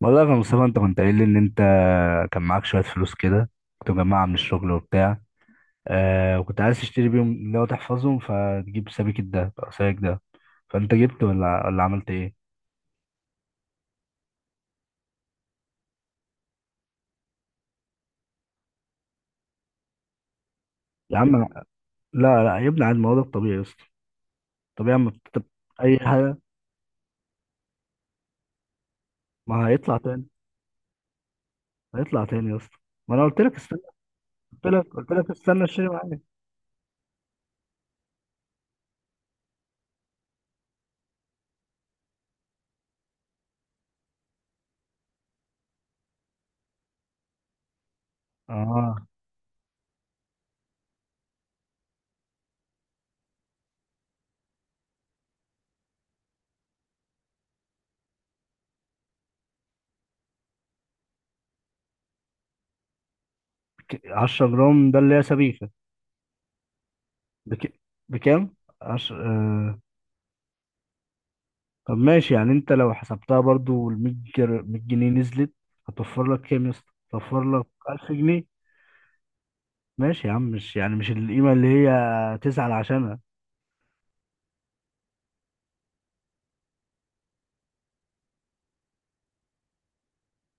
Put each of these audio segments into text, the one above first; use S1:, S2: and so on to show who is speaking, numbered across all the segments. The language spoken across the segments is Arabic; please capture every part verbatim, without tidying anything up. S1: والله يا مصطفى، انت كنت قايل لي ان انت كان معاك شويه فلوس كده، كنت مجمعها من الشغل وبتاع. آه وكنت عايز تشتري بيهم اللي هو تحفظهم، فتجيب سبيك الدهب او سبيك ده. فانت جبت ولا ولا عملت ايه؟ يا عم، لا لا يا ابني عاد، ما هو ده الطبيعي يا اسطى. طبيعي اما بتكتب اي حاجه، ما هيطلع تاني. هيطلع تاني يا اسطى، ما انا قلت لك استنى. قلت لك قلت لك استنى اشتري معايا. اه، ك- عشرة جرام ده اللي هي سبيكه. بك... بكام عشرة؟ طب ماشي، يعني انت لو حسبتها برضو ال مية جر- مية جنيه نزلت، هتوفر لك كام يا اسطى؟ هتوفر لك ألف جنيه. ماشي يا عم، مش يعني مش القيمة اللي هي تزعل عشانها.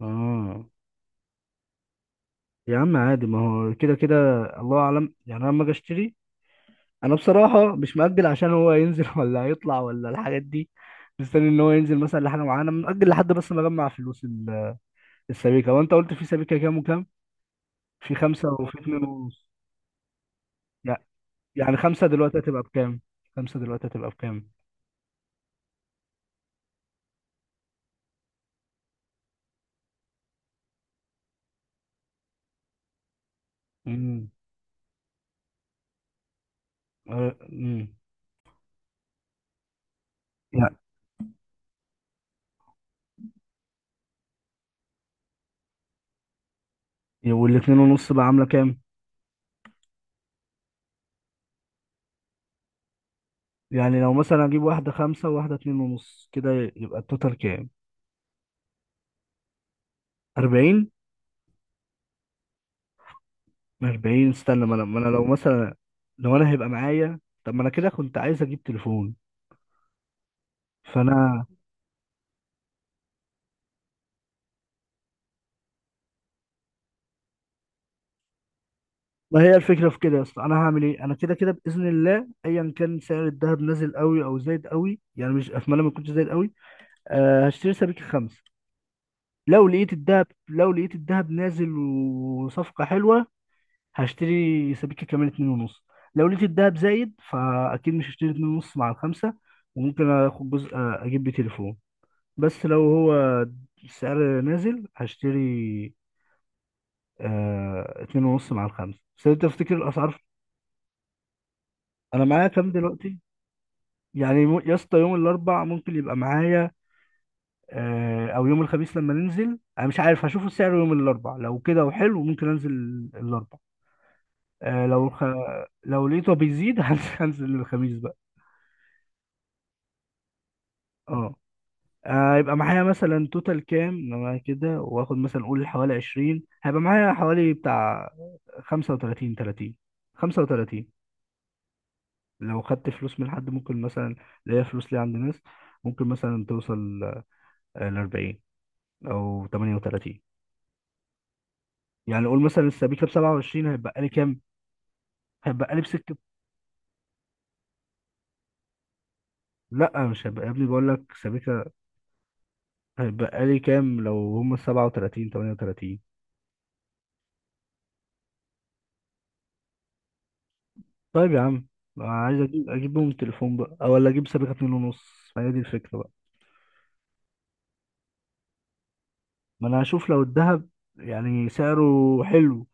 S1: اه يا عم عادي، ما هو كده كده الله اعلم. يعني انا لما اجي اشتري، انا بصراحة مش مأجل عشان هو ينزل ولا هيطلع ولا الحاجات دي. مستني ان هو ينزل مثلا لحاجة معينة، مأجل لحد بس ما اجمع فلوس ال- السبيكة. وانت قلت في سبيكة كام وكام؟ في خمسة وفي اتنين ونص. يعني يعني خمسة دلوقتي هتبقى بكام؟ خمسة دلوقتي هتبقى بكام؟ امم، آه، امم، يعني. والاتنين ونص بقى عاملة كام؟ يعني لو مثلا أجيب واحدة خمسة وواحدة اتنين ونص كده، يبقى التوتال كام؟ أربعين؟ أربعين، استنى. ما أنا ما أنا لو مثلا، لو أنا هيبقى معايا. طب ما أنا كده كنت عايز أجيب تليفون، فأنا. ما هي الفكرة في كده يا اسطى، أنا هعمل إيه؟ أنا كده كده بإذن الله، أيا كان سعر الذهب نازل قوي أو زايد قوي. يعني مش أتمنى ما يكونش زايد قوي. أه هشتري سبيكة خمسة. لو لقيت الذهب لو لقيت الذهب نازل وصفقة حلوة، هشتري سبيكة كمان اتنين ونص. لو لقيت الدهب زايد، فأكيد مش هشتري اتنين ونص مع الخمسة، وممكن آخد جزء آه، أجيب بيه تليفون. بس لو هو السعر نازل، هشتري آه اتنين ونص مع الخمسة. بس أنت تفتكر الأسعار. أنا معايا كام دلوقتي؟ يعني مو- يا اسطى يوم الأربع ممكن يبقى معايا آه، أو يوم الخميس لما ننزل. أنا مش عارف، هشوف السعر يوم الأربع، لو كده وحلو ممكن أنزل الأربع. آه لو خ... لو لقيته بيزيد هنزل هنزل الخميس بقى. اه، آه، هيبقى معايا مثلا توتال كام لما كده واخد مثلا، قول حوالي عشرين، هيبقى معايا حوالي بتاع خمسة وتلاتين، تلاتين، خمسة وتلاتين. لو خدت فلوس من حد ممكن مثلا، اللي هي فلوس لي عند ناس، ممكن مثلا توصل ل أربعين او تمنية وتلاتين. يعني قول مثلا السبيكه ب سبعة وعشرين، هيبقى لي كام؟ هيبقى لي بسكه. لا مش هيبقى يا ابني، بقول لك سبيكه. هيبقى لي كام لو هم سبعة وتلاتين، تمنية وتلاتين؟ طيب يا عم، عايز اجيب اجيب بهم التليفون بقى او ولا اجيب سابقة اتنين ونص، فهي دي الفكرة بقى. ما انا هشوف لو الذهب يعني سعره حلو،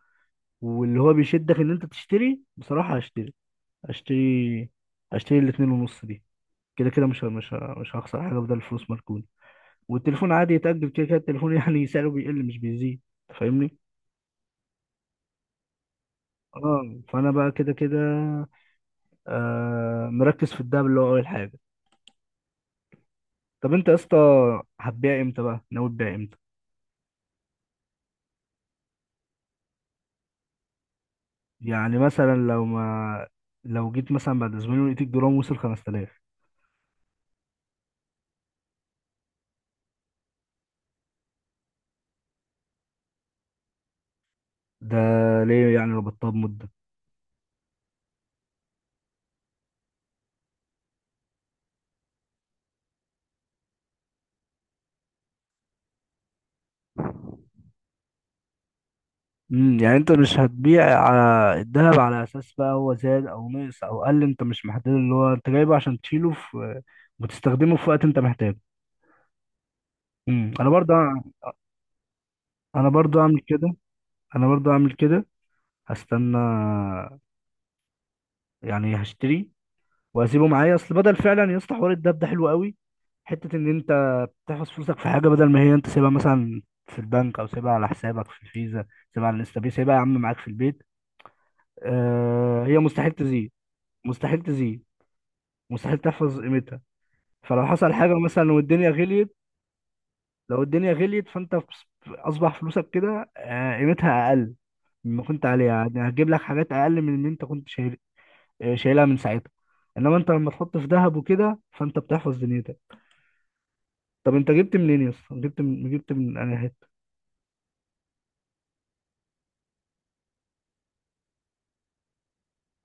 S1: واللي هو بيشدك ان انت تشتري، بصراحة هشتري. هشتري هشتري الاتنين ونص دي. كده كده مش ه- مش ه- مش هخسر حاجة بدل الفلوس مركونة. والتليفون عادي يتأجل، كده كده التليفون يعني سعره بيقل مش بيزيد. أنت فاهمني. اه فانا بقى كده كده آه مركز في الدهب اللي هو اول حاجة. طب انت يا اسطى هتبيع امتى بقى؟ ناوي تبيع امتى؟ يعني مثلا لو ما لو جيت مثلا بعد اسبوعين ولقيت الجرام وصل خمسة آلاف؟ ده ليه يعني ربطتها بمدة؟ امم، يعني انت مش هتبيع على الذهب على اساس بقى هو زاد او نقص او قل. انت مش محدد، اللي هو انت جايبه عشان تشيله في وتستخدمه في وقت انت محتاجه. امم. انا برضه انا برضه اعمل كده انا برضه اعمل كده. هستنى، يعني هشتري واسيبه معايا اصل بدل فعلا. يا اسطى حوار الدب ده حلو قوي، حته ان انت بتحفظ فلوسك في حاجه، بدل ما هي انت سيبها مثلا في البنك او سيبها على حسابك في الفيزا، سيبها على الانستا باي، سيبها يا عم معاك في البيت. آه، هي مستحيل تزيد. مستحيل تزيد، مستحيل تحفظ قيمتها. فلو حصل حاجه مثلا والدنيا غليت، لو الدنيا غليت فانت فس- اصبح فلوسك كده آه قيمتها اقل مما كنت عليها. يعني هتجيب لك حاجات اقل من اللي انت كنت شايل آه، شايلها من ساعتها. انما انت لما تحط في ذهب وكده، فانت بتحفظ دنيتك. طب انت جبت منين يا اسطى؟ جبت من جبت من انا حته.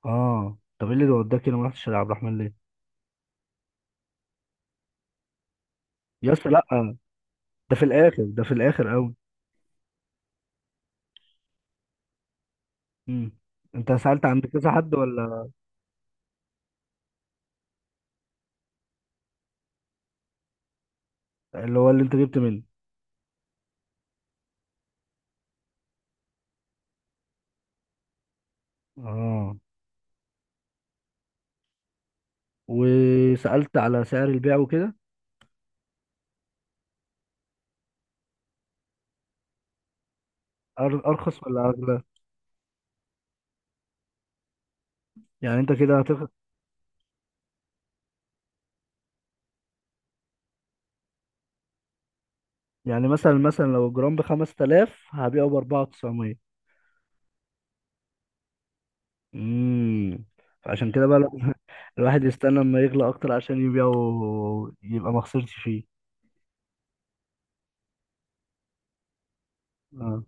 S1: اه طب ايه اللي وداك هنا؟ ما رحتش على عبد الرحمن ليه؟ يا اسطى لا، ده في الاخر ده في الاخر قوي. امم، انت سالت عند كذا حد ولا؟ اللي هو اللي انت جبت منه. اه، وسالت على سعر البيع وكده؟ أر- ارخص ولا اغلى؟ يعني انت كده هتخ... يعني مثلا مثلا لو الجرام ب خمسة آلاف، هبيعه ب أربعة آلاف وتسعمية؟ امم، فعشان كده بقى لا- الواحد يستنى لما يغلى اكتر عشان يبيعه، يبقى ما خسرش فيه. آه،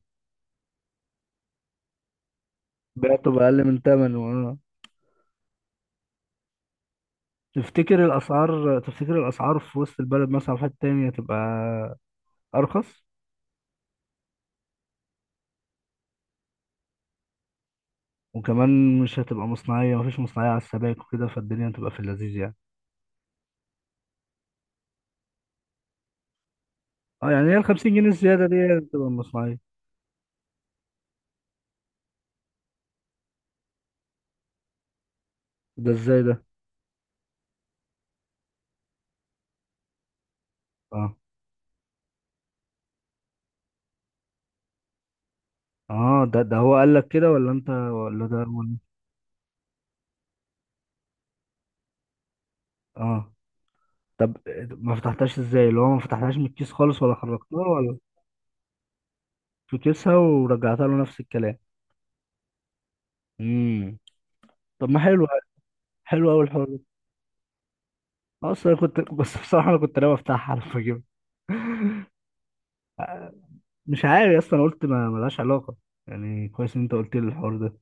S1: بعته بأقل من تمنه. اه، تفتكر الأسعار تفتكر الأسعار في وسط البلد مثلا في حتة تانية هتبقى أرخص؟ وكمان مش هتبقى مصنعية، مفيش مصنعية على السبائك وكده، فالدنيا هتبقى في اللذيذ يعني. اه، يعني هي الخمسين جنيه الزيادة دي هي اللي بتبقى مصنعية. ده ازاي ده؟ اه، اه ده ده هو قال لك كده، ولا انت، ولا ده هو اللي... اه، طب ما فتحتهاش ازاي؟ اللي هو ما فتحتهاش من الكيس خالص ولا خرجتها ولا؟ في كيسها ورجعتها له نفس الكلام. امم، طب ما حلو، حلو قوي الحوار. اصلا كنت بس بصراحه انا كنت ناوي افتحها على فكره. مش عارف يا اسطى، انا قلت ما ملهاش علاقه، يعني كويس ان انت قلت لي الحوار ده.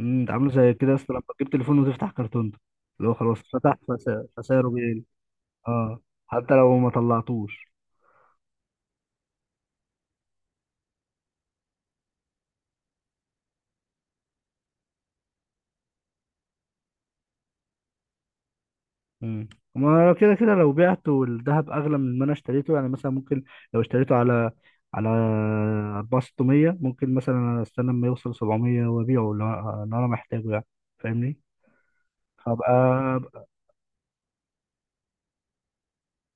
S1: امم. انت عامله زي كده يا اسطى لما تجيب تليفون وتفتح كرتون ده، اللي هو خلاص فتح فس- فسعره بيقل. اه، حتى لو ما طلعتوش. امم. ما لو كده كده لو بعته والذهب اغلى من ما انا اشتريته، يعني مثلا ممكن لو اشتريته على على أربعة آلاف وستمية، ممكن مثلا استنى لما يوصل سبعمية وابيعه، لو لو انا محتاجه يعني، فاهمني؟ فبقى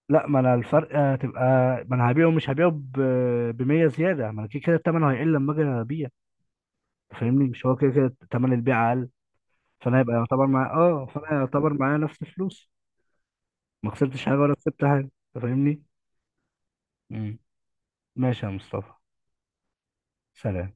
S1: لا، ما انا الفرق هتبقى، ما انا هبيعه مش هبيعه ب مية زياده. ما انا كده كده الثمن هيقل لما اجي ابيع، فاهمني؟ مش هو كده كده ثمن البيع اقل؟ فانا هيبقى يعتبر معايا، اه فانا يعتبر معايا نفس فلوس. ما خسرتش حاجه ولا كسبت حاجه. أنت فاهمني. مم. ماشي يا مصطفى. سلام.